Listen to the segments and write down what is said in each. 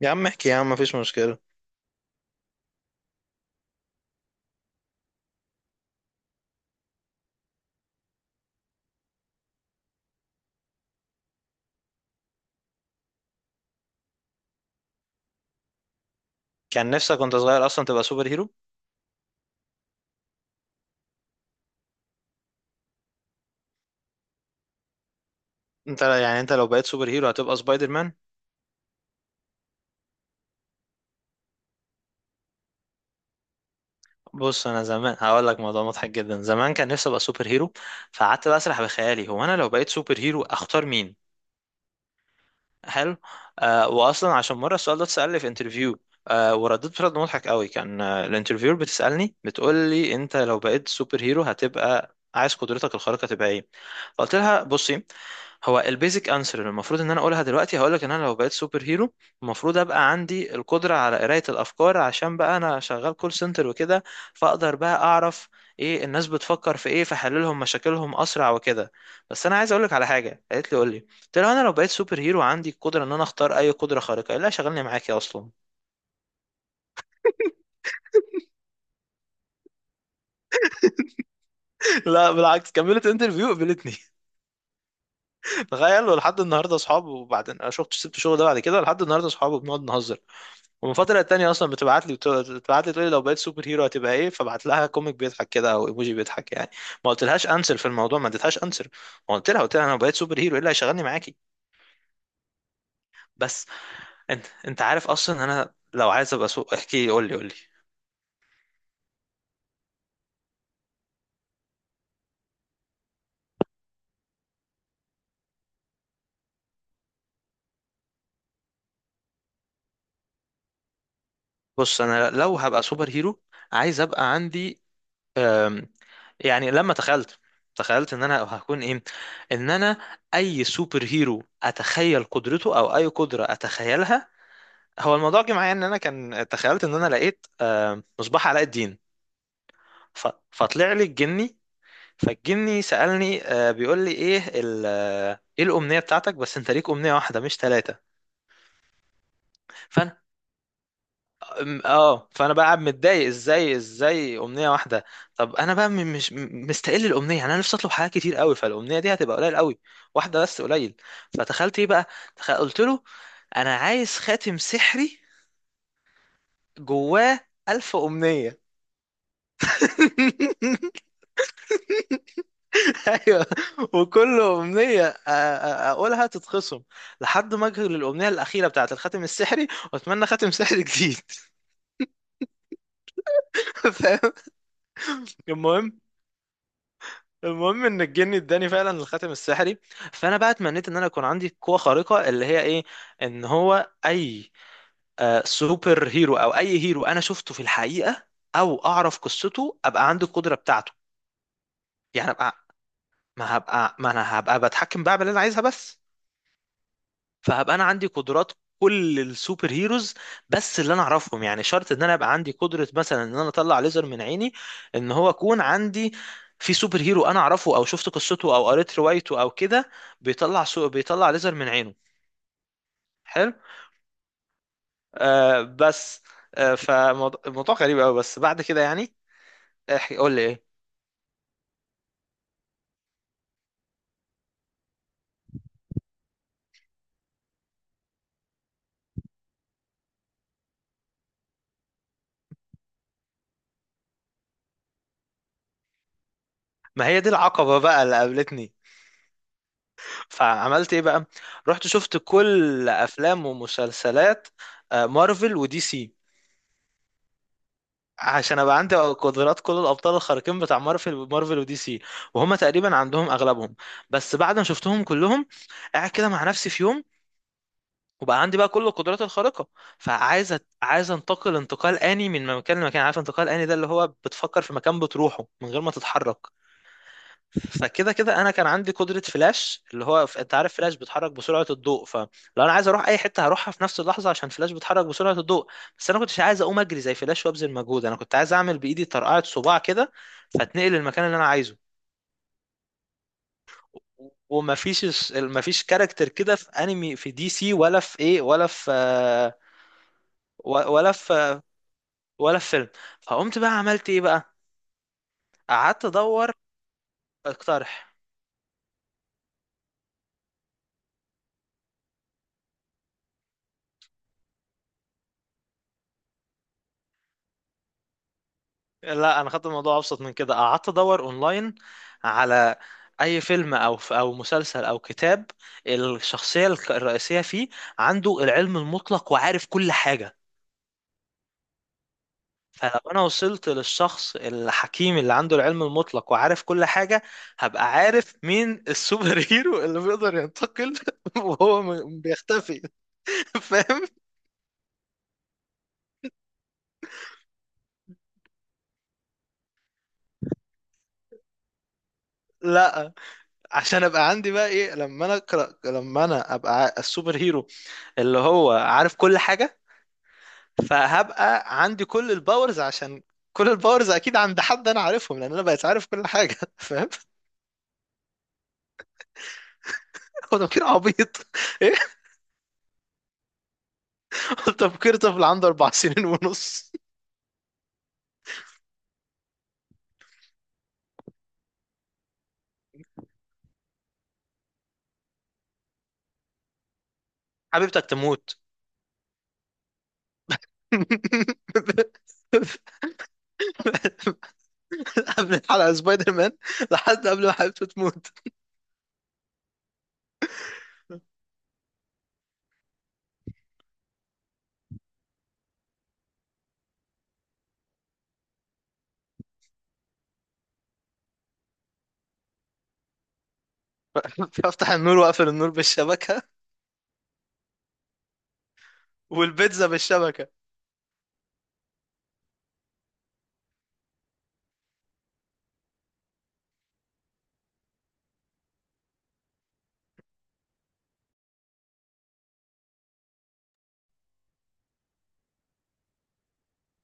يا عم احكي، يا عم مفيش مشكلة. كان نفسك وانت صغير اصلا تبقى سوبر هيرو. انت يعني انت لو بقيت سوبر هيرو هتبقى سبايدر مان. بص، انا زمان هقول لك موضوع مضحك جدا. زمان كان نفسي ابقى سوبر هيرو، فقعدت بقى اسرح بخيالي هو انا لو بقيت سوبر هيرو اختار مين. حلو. واصلا عشان مره السؤال ده اتسال لي في انترفيو. ورديت برد مضحك قوي، كان الانترفيور بتسالني بتقول لي انت لو بقيت سوبر هيرو هتبقى عايز قدرتك الخارقه تبقى ايه؟ فقلت لها بصي، هو البيزك انسر اللي المفروض ان انا اقولها دلوقتي هقول لك ان انا لو بقيت سوبر هيرو المفروض ابقى عندي القدره على قرايه الافكار، عشان بقى انا شغال كول سنتر وكده، فاقدر بقى اعرف ايه الناس بتفكر في ايه فحللهم مشاكلهم اسرع وكده. بس انا عايز اقول لك على حاجه. قالت لي قول لي، قلت له انا لو بقيت سوبر هيرو عندي القدره ان انا اختار اي قدره خارقه، قال لا شغلني معاك يا اصلا. لا بالعكس، كملت انترفيو، قبلتني. تخيل، ولحد النهارده اصحاب. وبعدين انا شفت سبت الشغل ده بعد كده، لحد النهارده اصحاب وبنقعد نهزر. ومن فتره للتانيه اصلا بتبعت لي تقول لي لو بقيت سوبر هيرو هتبقى ايه، فبعت لها كوميك بيضحك كده او ايموجي بيضحك يعني. ما قلتلهاش انسر في الموضوع، ما اديتهاش انسر. قلت لها انا لو بقيت سوبر هيرو ايه اللي هيشغلني معاكي. بس انت عارف اصلا انا لو عايز ابقى احكي لي، قول لي قول لي. بص، انا لو هبقى سوبر هيرو عايز ابقى عندي، أم، يعني لما تخيلت، تخيلت ان انا هكون ايه، ان انا اي سوبر هيرو اتخيل قدرته او اي قدرة اتخيلها. هو الموضوع جه معايا ان انا كان تخيلت ان انا لقيت مصباح علاء الدين، فطلع لي الجني، فالجني سألني، بيقول لي ايه ايه الامنية بتاعتك، بس انت ليك امنية واحدة مش ثلاثة. فانا بقى قاعد متضايق ازاي ازاي امنيه واحده. طب انا بقى مش مستقل الامنيه، يعني انا نفسي اطلب حاجات كتير قوي، فالامنيه دي هتبقى قليل قوي، واحده بس قليل. فتخيلت ايه بقى؟ قلت له انا عايز خاتم سحري جواه 1000 أمنية. أيوة، وكل أمنية أقولها تتخصم لحد ما أجي للأمنية الأخيرة بتاعة الخاتم السحري، وأتمنى خاتم سحري جديد. فاهم. المهم، المهم ان الجن اداني فعلا الخاتم السحري، فانا بقى اتمنيت ان انا يكون عندي قوه خارقه اللي هي ايه، ان هو اي سوبر هيرو او اي هيرو انا شفته في الحقيقه او اعرف قصته ابقى عندي القدره بتاعته. يعني ابقى، ما هبقى، ما انا هبقى بتحكم بقى باللي انا عايزها بس. فهبقى انا عندي قدرات كل السوبر هيروز، بس اللي انا اعرفهم، يعني شرط ان انا ابقى عندي قدرة مثلا ان انا اطلع ليزر من عيني، ان هو اكون عندي في سوبر هيرو انا اعرفه او شفت قصته او قريت روايته او كده بيطلع بيطلع ليزر من عينه. حلو. بس. فالموضوع غريب قوي بس بعد كده يعني. احكي، قول لي ايه. ما هي دي العقبة بقى اللي قابلتني. فعملت ايه بقى؟ رحت شفت كل افلام ومسلسلات مارفل ودي سي، عشان ابقى عندي قدرات كل الابطال الخارقين بتاع مارفل ودي سي، وهم تقريبا عندهم اغلبهم. بس بعد ما شفتهم كلهم، قاعد كده مع نفسي في يوم، وبقى عندي بقى كل القدرات الخارقة، فعايز عايز انتقل انتقال آني من مكان لمكان. عارف انتقال آني ده اللي هو بتفكر في مكان بتروحه من غير ما تتحرك؟ فكده كده انا كان عندي قدره فلاش اللي هو انت عارف فلاش بيتحرك بسرعه الضوء، فلو انا عايز اروح اي حته هروحها في نفس اللحظه عشان فلاش بيتحرك بسرعه الضوء، بس انا كنتش عايز اقوم اجري زي فلاش وابذل مجهود، انا كنت عايز اعمل بايدي طرقعه صباع كده فاتنقل للمكان اللي انا عايزه. ومفيش مفيش كاركتر كده في انمي في دي سي ولا في ايه ولا في ولا في ولا في فيلم. فقمت بقى عملت ايه بقى؟ قعدت ادور. اقترح. لا، انا خدت الموضوع ابسط من كده، قعدت ادور اونلاين على اي فيلم او او مسلسل او كتاب الشخصيه الرئيسيه فيه عنده العلم المطلق وعارف كل حاجه. فلو انا وصلت للشخص الحكيم اللي عنده العلم المطلق وعارف كل حاجه، هبقى عارف مين السوبر هيرو اللي بيقدر ينتقل وهو بيختفي. فاهم. لا، عشان ابقى عندي بقى ايه لما انا اقرا لما انا ابقى السوبر هيرو اللي هو عارف كل حاجه، فهبقى عندي كل الباورز، عشان كل الباورز اكيد عند حد انا عارفهم لان انا بقيت عارف كل حاجه. فاهم. هو تفكير عبيط. ايه، هو تفكير طفل عنده 4 سنين ونص. حبيبتك تموت. قبل الحلقه سبايدر مان لحد قبل ما حبيبته تموت. فافتح النور واقفل النور بالشبكه، والبيتزا بالشبكه.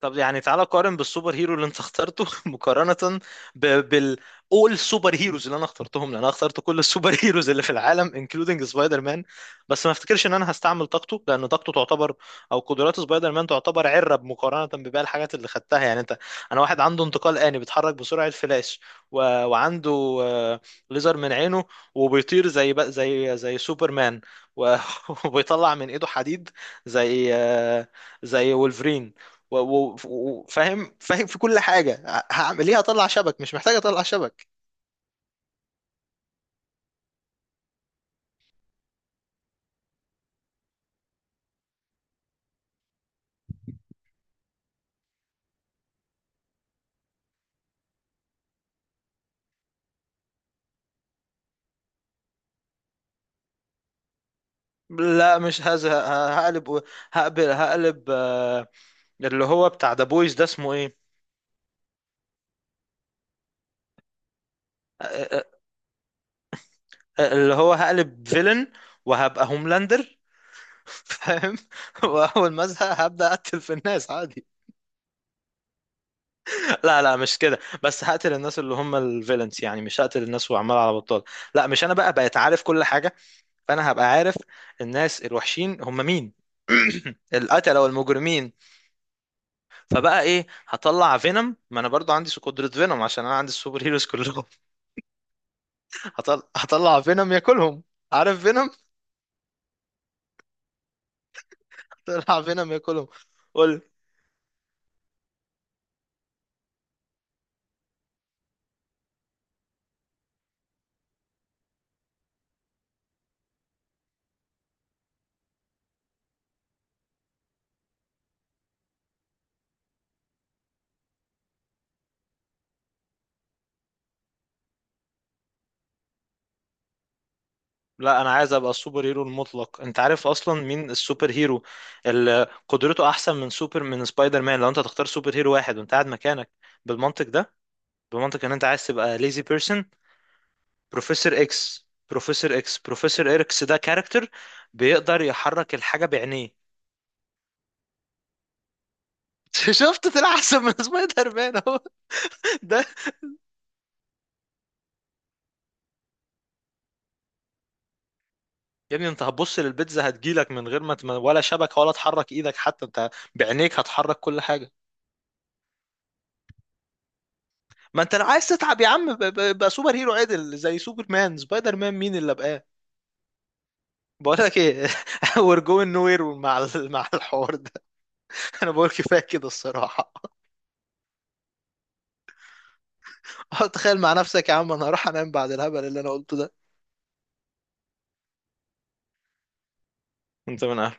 طب يعني تعالى قارن بالسوبر هيرو اللي انت اخترته، مقارنة ب... بال all سوبر هيروز اللي انا اخترتهم، لان انا اخترت كل السوبر هيروز اللي في العالم including سبايدر مان، بس ما افتكرش ان انا هستعمل طاقته لان طاقته تعتبر، او قدرات سبايدر مان تعتبر عرة مقارنة بباقي الحاجات اللي خدتها يعني. انت انا واحد عنده انتقال آني بيتحرك بسرعة فلاش، و... وعنده ليزر من عينه، وبيطير زي بق- زي زي سوبر مان، و... وبيطلع من ايده حديد زي زي وولفرين، وفاهم فاهم في كل حاجة. هعمل ايه، هطلع شبك؟ مش محتاج اطلع شبك. لا، مش هزهق، هقلب اللي هو بتاع ذا بويز ده اسمه ايه، آه، آه، اللي هو هقلب فيلن وهبقى هوملاندر. فاهم. واول ما ازهق هبدا اقتل في الناس عادي. لا لا، مش كده، بس هقتل الناس اللي هم الفيلنس، يعني مش هقتل الناس وعمال على بطال. لا، مش، انا بقى بقيت عارف كل حاجة، فانا هبقى عارف الناس الوحشين هم مين، القتلة والمجرمين. فبقى ايه، هطلع فينوم، ما انا برضو عندي قدرة فينوم عشان انا عندي السوبر هيروز كلهم. هطلع فينوم ياكلهم. عارف فينوم. هطلع فينوم ياكلهم. قول. لا، انا عايز ابقى السوبر هيرو المطلق. انت عارف اصلا مين السوبر هيرو اللي قدرته احسن من سوبر من سبايدر مان لو انت تختار سوبر هيرو واحد وانت قاعد مكانك بالمنطق ده، بمنطق ان انت عايز تبقى ليزي بيرسون؟ بروفيسور اكس ده كاركتر بيقدر يحرك الحاجة بعينيه. شفت، طلع احسن من سبايدر مان اهو ده. يا ابني، انت هتبص للبيتزا هتجيلك من غير ما ولا شبكة ولا تحرك ايدك، حتى انت بعينيك هتحرك كل حاجة. ما انت لو عايز تتعب يا عم، بقى سوبر هيرو عدل زي سوبر مان. سبايدر مان مين اللي بقاه. بقول لك ايه، وير جوينج نو وير مع مع الحوار ده. انا بقول كفايه كده الصراحه. تخيل مع نفسك يا عم، انا هروح انام بعد الهبل اللي انا قلته ده. انت من